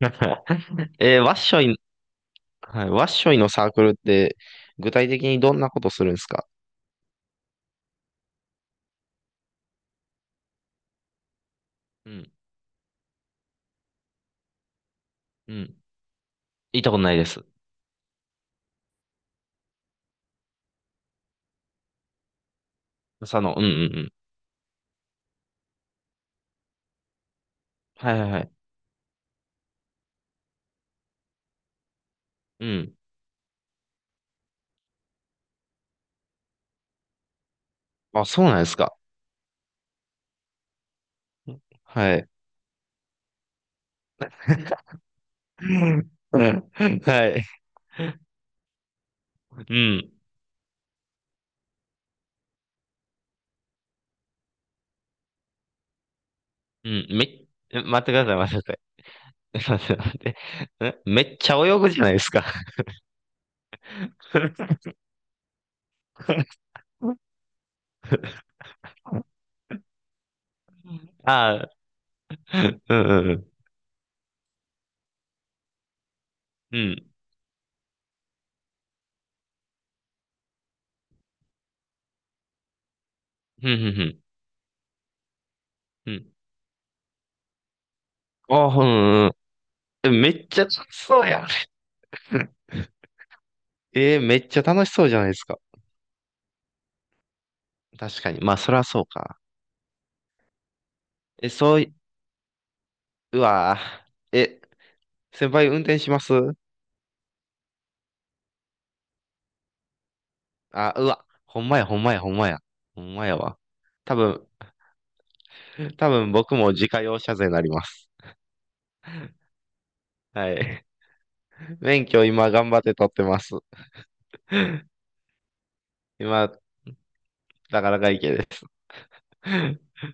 ワッショイ、はい、ワッショイのサークルって、具体的にどんなことするんですか？うん、うん。行ったことないです。佐野、うんうんうん。はいはいはい。うん。あ、そうなんですか。はい。うんうんはい。うん。うん。え、待ってください、待ってください。待って待って。え、めっちゃ泳ぐじゃないですか。ああ、うんうんうん。うん。うんうんうん。うん、ああ、うんうんうん。え、めっちゃ楽しそうやん。めっちゃ楽しそうじゃないですか。確かに。まあ、そりゃそうか。え、そうい、うわぁ。え、先輩運転します？あ、うわ。ほんまや、ほんまや、ほんまや。ほんまやわ。多分、多分僕も自家用車税になります。はい。免許今頑張って取ってます。今、なかなかいいけです。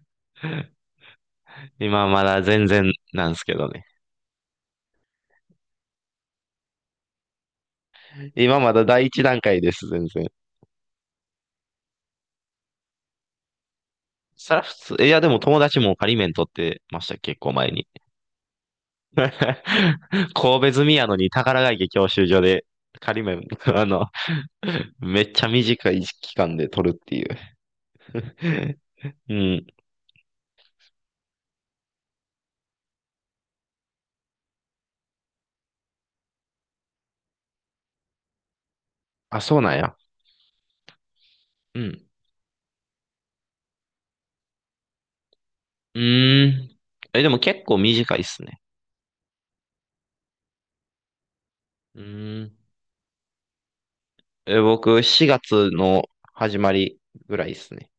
今まだ全然なんですけどね。今まだ第一段階です、全然。そら普通、えいやでも友達も仮免取ってました、結構前に。神戸住みやのに宝ヶ池教習所で仮面、あの、めっちゃ短い期間で取るっていう。うん。あ、そうなんや。うん。うーん。え、でも結構短いっすね。うーん。え、僕、4月の始まりぐらいっすね。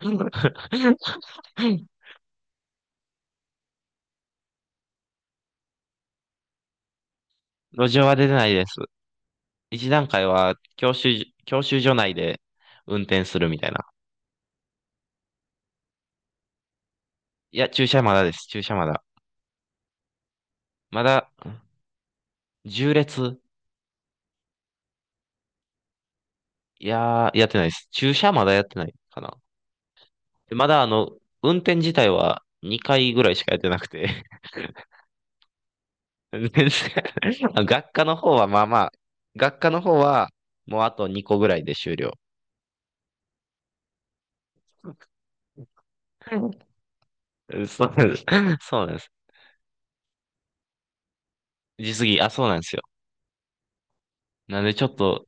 路上は出てないです。一段階は教習所内で運転するみたいな。いや、駐車まだです。駐車まだ。まだ、縦列。いやー、やってないです。駐車まだやってないかな。で、まだ運転自体は2回ぐらいしかやってなくて。全然。 学科の方はまあまあ、学科の方はもうあと2個ぐらいで終了。そうなんです。そうなんです。あ、そうなんですよ。なんでちょっと、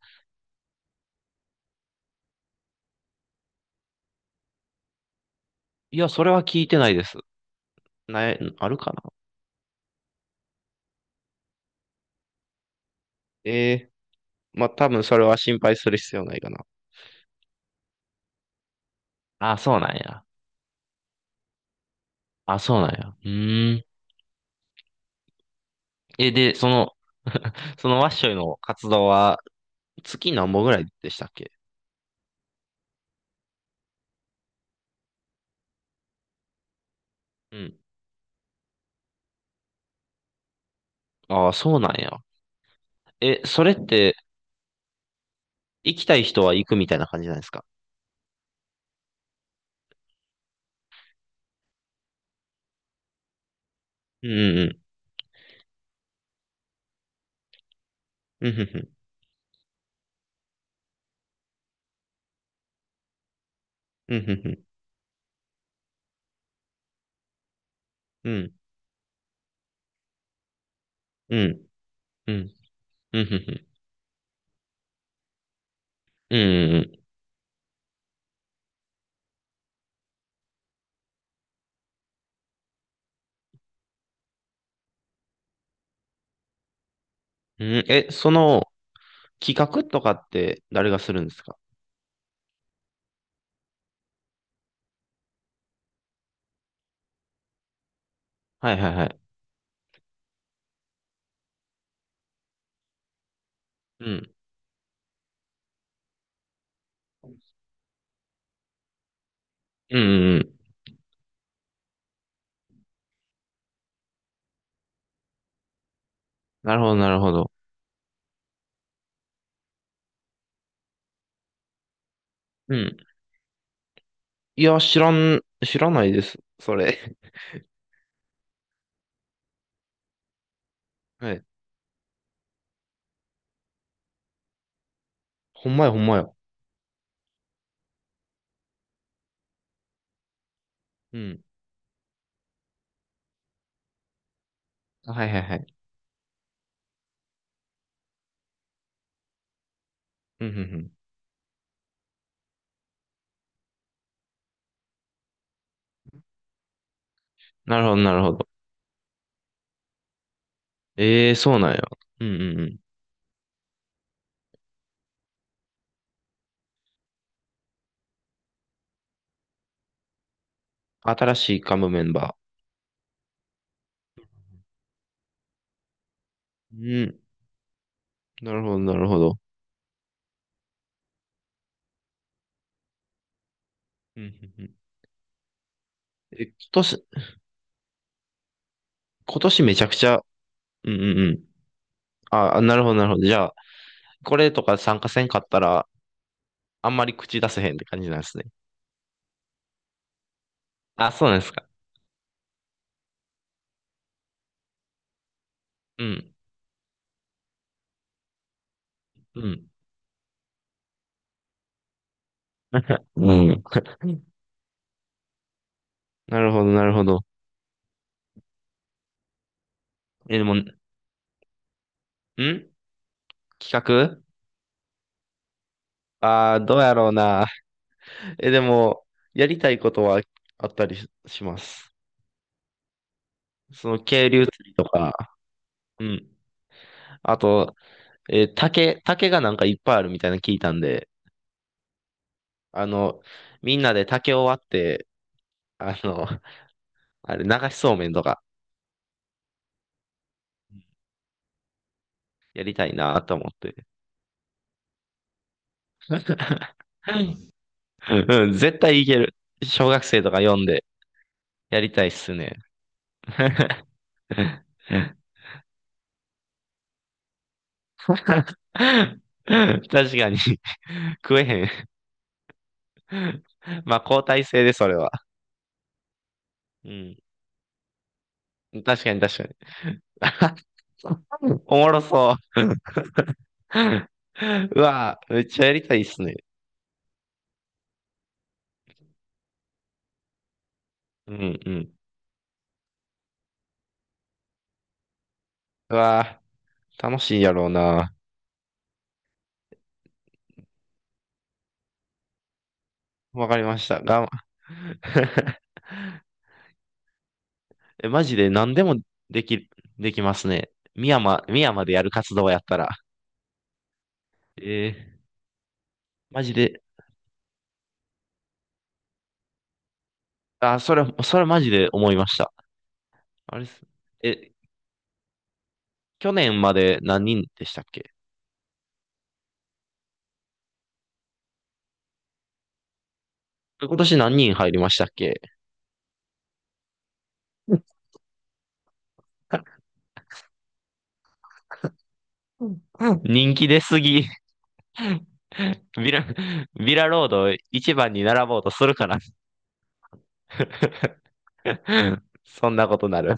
いや、それは聞いてないです。ない、あるかな？ええ、まあ、多分それは心配する必要ないかな。あ、そうなんや。あ、そうなんや。うーん。え、で、そのワッショイの活動は、月何本ぐらいでしたっけ？うん。ああ、そうなんや。え、それって、行きたい人は行くみたいな感じなんですか？うんうんうん。うんふんふん。うんふんふん。うんうん。うんふんふん。うんうんうん。うん、え、企画とかって誰がするんですか？はいはいはい。うん。うんうんうん。なるほどなるほど。うん。いや、知らん、知らないです。それ。はい。ほんまやほんまや。うん。はいはいはい。うんうん、なるほど、なるほど。ええ、そうなんや。うんうんうん。新しいカムメンバー。うん。なるほど、なるほど。うんうんうん。え、今年めちゃくちゃ、うんうんうん。あ、なるほど、なるほど。じゃあ、これとか参加せんかったら、あんまり口出せへんって感じなんですね。あ、そうなんですか。うん。うん。うん。なるほど、なるほど。え、でも、企画、どうやろうな。え、でも、やりたいことはあったりしします。その、渓流釣りとか、うん。あと、竹がなんかいっぱいあるみたいなの聞いたんで、あの、みんなで竹を割って、あの、あれ、流しそうめんとかやりたいなと思って。うん、うん。絶対いける。小学生とか読んでやりたいっすね。確かに食えへん。まあ、交代制で、それは。うん。確かに、確かに。おもろそう。うわぁ、めっちゃやりたいっすね。うん、うん。うわぁ。楽しいやろうな。わかりました。え、マジで何でもでき、できますね。深山でやる活動やったら。えーマジで、あ、それマジで思いました。あれっす。え、去年まで何人でしたっけ？今年何人入りましたっけ？うんうん。 人気出すぎ。ビラ、ビラロード一番に並ぼうとするかな。そんなことなる。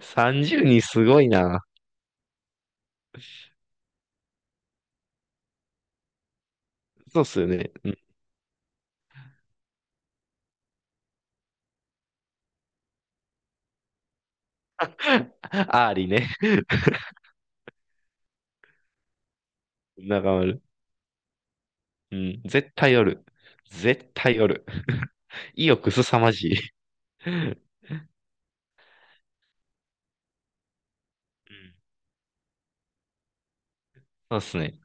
30人すごいな。そうっすよね。アーリーね。中丸。うん。絶対おる。絶対おる。意欲すさまじい。うん、そうっすね。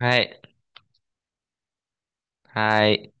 はい。はい。